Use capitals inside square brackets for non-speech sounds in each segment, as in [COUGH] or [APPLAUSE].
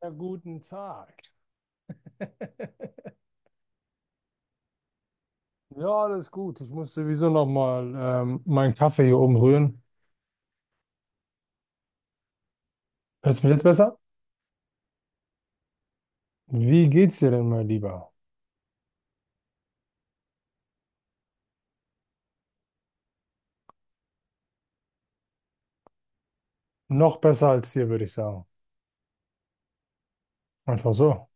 Ja, guten Tag. [LAUGHS] Ja, alles gut. Ich muss sowieso nochmal meinen Kaffee hier oben rühren. Hörst du mich jetzt besser? Wie geht's dir denn, mein Lieber? Noch besser als dir, würde ich sagen. Einfach so.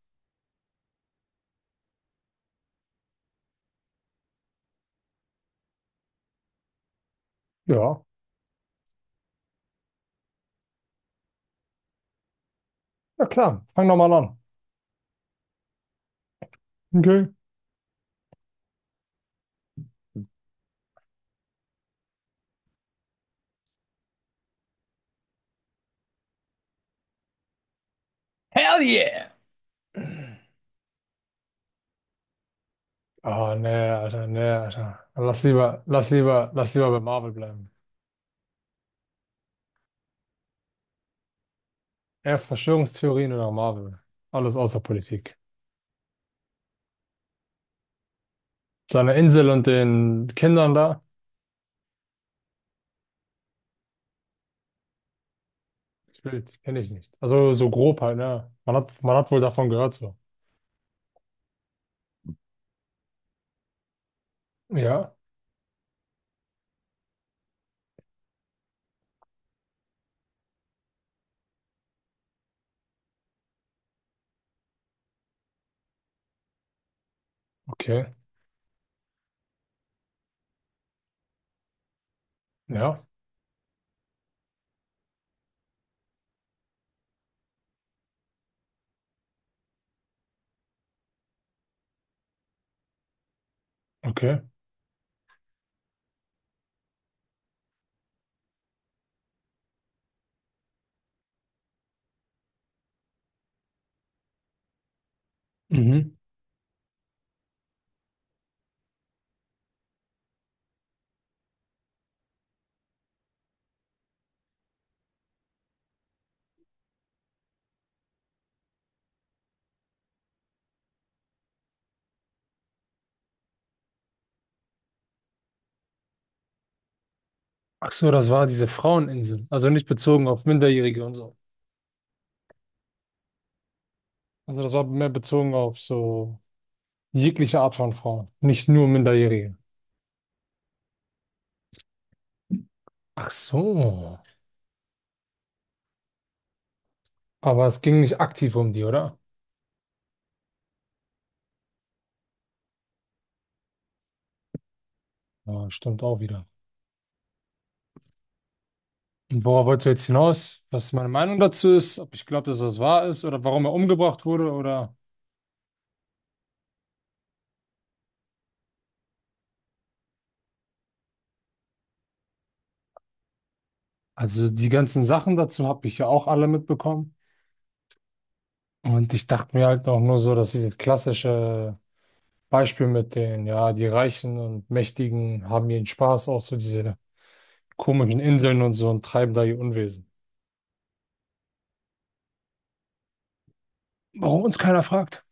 Ja, ja klar. Fang doch mal an. Okay. Hell yeah! Ah, nee, Alter, nee, Alter. Lass lieber bei Marvel bleiben. Eher Verschwörungstheorien oder Marvel. Alles außer Politik. Seiner Insel und den Kindern da. Das Bild kenne ich nicht. Also so grob halt, ne? Man hat wohl davon gehört so. Ja, okay. Ja, okay. Mhm. Ach so, das war diese Fraueninsel. Also nicht bezogen auf Minderjährige und so. Also das war mehr bezogen auf so jegliche Art von Frauen. Nicht nur Minderjährige. Ach so. Aber es ging nicht aktiv um die, oder? Ja, stimmt auch wieder. Und worauf wolltest du jetzt hinaus? Was meine Meinung dazu ist? Ob ich glaube, dass das wahr ist oder warum er umgebracht wurde oder... Also die ganzen Sachen dazu habe ich ja auch alle mitbekommen. Und ich dachte mir halt auch nur so, dass dieses klassische Beispiel mit den, ja, die Reichen und Mächtigen haben ihren Spaß auf so diese komischen Inseln und so und treiben da ihr Unwesen. Warum uns keiner fragt?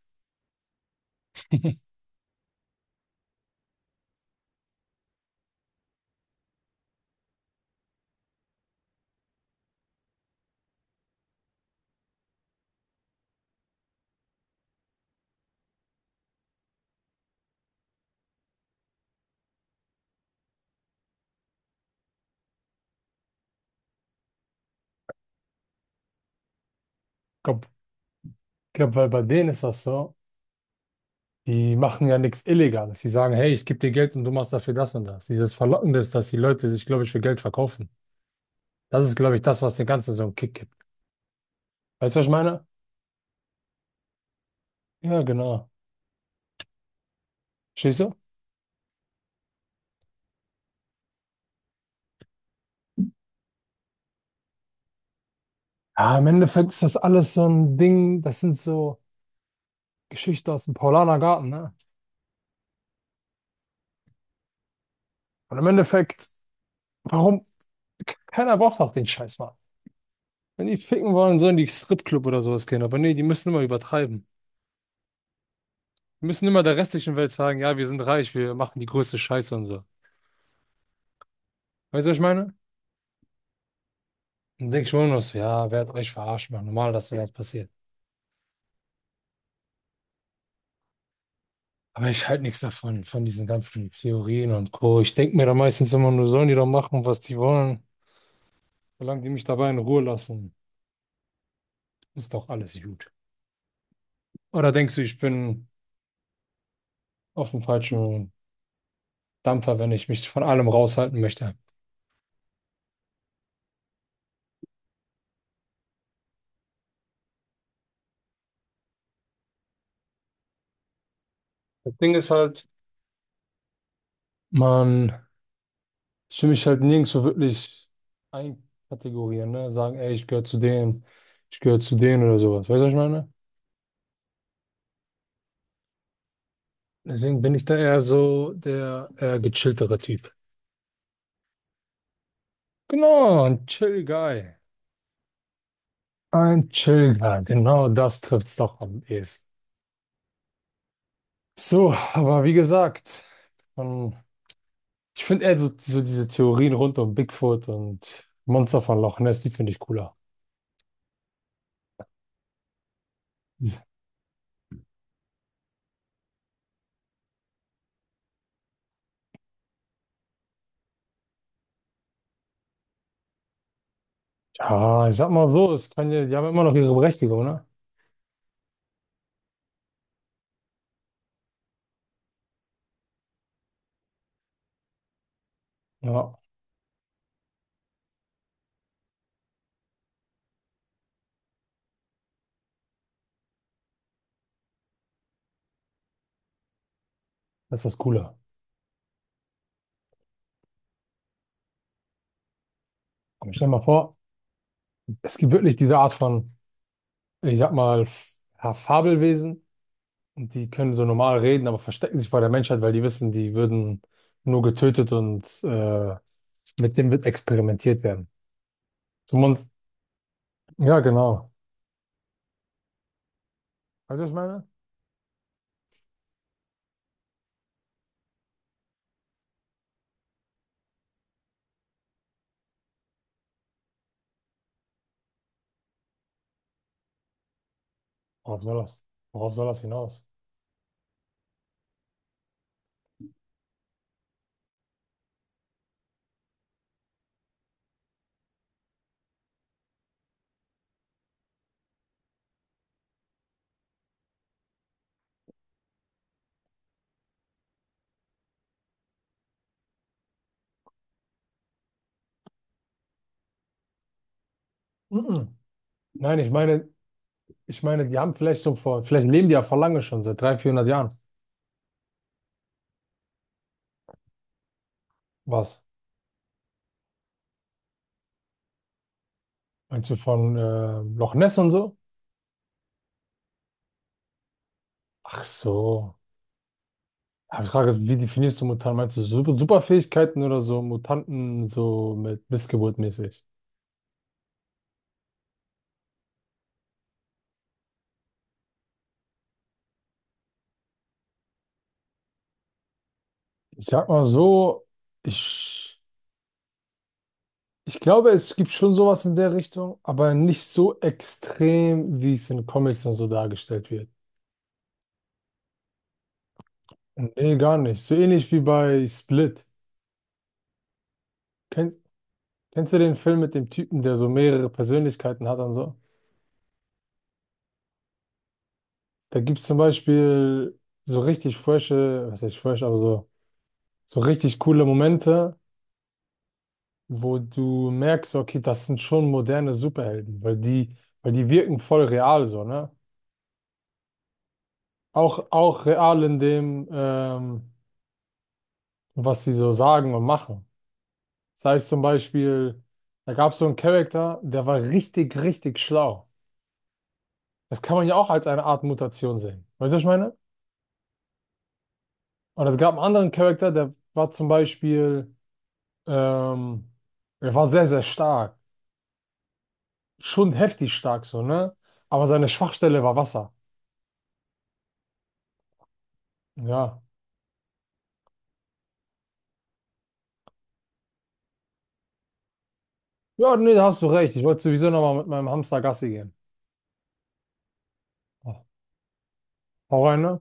Ich glaube, weil bei denen ist das so. Die machen ja nichts Illegales. Die sagen, hey, ich gebe dir Geld und du machst dafür das und das. Dieses Verlockende ist, dass die Leute sich, glaube ich, für Geld verkaufen. Das ist, glaube ich, das, was dem Ganzen so einen Kick gibt. Weißt du, was ich meine? Ja, genau. Stehst du? Ja, im Endeffekt ist das alles so ein Ding, das sind so Geschichten aus dem Paulaner Garten, ne? Und im Endeffekt, warum? Keiner braucht auch den Scheiß, Mann. Wenn die ficken wollen, sollen die Stripclub oder sowas gehen. Aber nee, die müssen immer übertreiben. Die müssen immer der restlichen Welt sagen, ja, wir sind reich, wir machen die größte Scheiße und so. Weißt du, was ich meine? Dann denke ich mir nur noch so, ja, wer hat euch verarscht, Mann? Normal, dass sowas passiert. Aber ich halte nichts davon, von diesen ganzen Theorien und Co. Ich denke mir da meistens immer nur, sollen die doch machen, was die wollen, solange die mich dabei in Ruhe lassen, ist doch alles gut. Oder denkst du, ich bin auf dem falschen Dampfer, wenn ich mich von allem raushalten möchte? Das Ding ist halt, man, ich will mich halt nirgendwo wirklich einkategorieren, ne? Sagen, ey, ich gehöre zu denen, ich gehöre zu denen oder sowas. Weißt du, was ich meine? Deswegen bin ich da eher so der eher gechilltere Typ. Genau, ein Chill Guy. Ein Chill Guy, genau das trifft's doch am ehesten. So, aber wie gesagt, von ich finde eher so, so diese Theorien rund um Bigfoot und Monster von Loch Ness, die finde ich cooler. Ja, ich sag mal so, es kann ja, die haben immer noch ihre Berechtigung, ne? Ja, das ist das Coole. Aber stell dir mal vor, es gibt wirklich diese Art von, ich sag mal, F- ja, Fabelwesen und die können so normal reden, aber verstecken sich vor der Menschheit, weil die wissen, die würden nur getötet und mit dem wird experimentiert werden. So man, ja, genau. Weißt du, was ich meine? Worauf soll das? Worauf soll das hinaus? Mhm. Nein, ich meine, ich meine, die haben vielleicht so vor, vielleicht leben die ja vor lange schon, seit 300, 400 Jahren. Was? Meinst du von Loch Ness und so? Ach so. Ja, ich frage, wie definierst du Mutanten? Meinst du Super Superfähigkeiten oder so Mutanten so mit Missgeburt mäßig? Ich sag mal so, ich, ich glaube, es gibt schon sowas in der Richtung, aber nicht so extrem, wie es in Comics und so dargestellt wird. Nee, gar nicht. So ähnlich wie bei Split. Kennst, kennst du den Film mit dem Typen, der so mehrere Persönlichkeiten hat und so? Da gibt es zum Beispiel so richtig frische, was heißt fresh, aber so, so richtig coole Momente, wo du merkst, okay, das sind schon moderne Superhelden, weil die wirken voll real so, ne? Auch, auch real in dem, was sie so sagen und machen. Sei es zum Beispiel, da gab es so einen Charakter, der war richtig, richtig schlau. Das kann man ja auch als eine Art Mutation sehen. Weißt du, was ich meine? Und es gab einen anderen Charakter, der war zum Beispiel Ähm, er war sehr, sehr stark. Schon heftig stark so, ne? Aber seine Schwachstelle war Wasser. Ja. Ja, nee, da hast du recht. Ich wollte sowieso nochmal mit meinem Hamster Gassi gehen. Oh, hau rein, ne?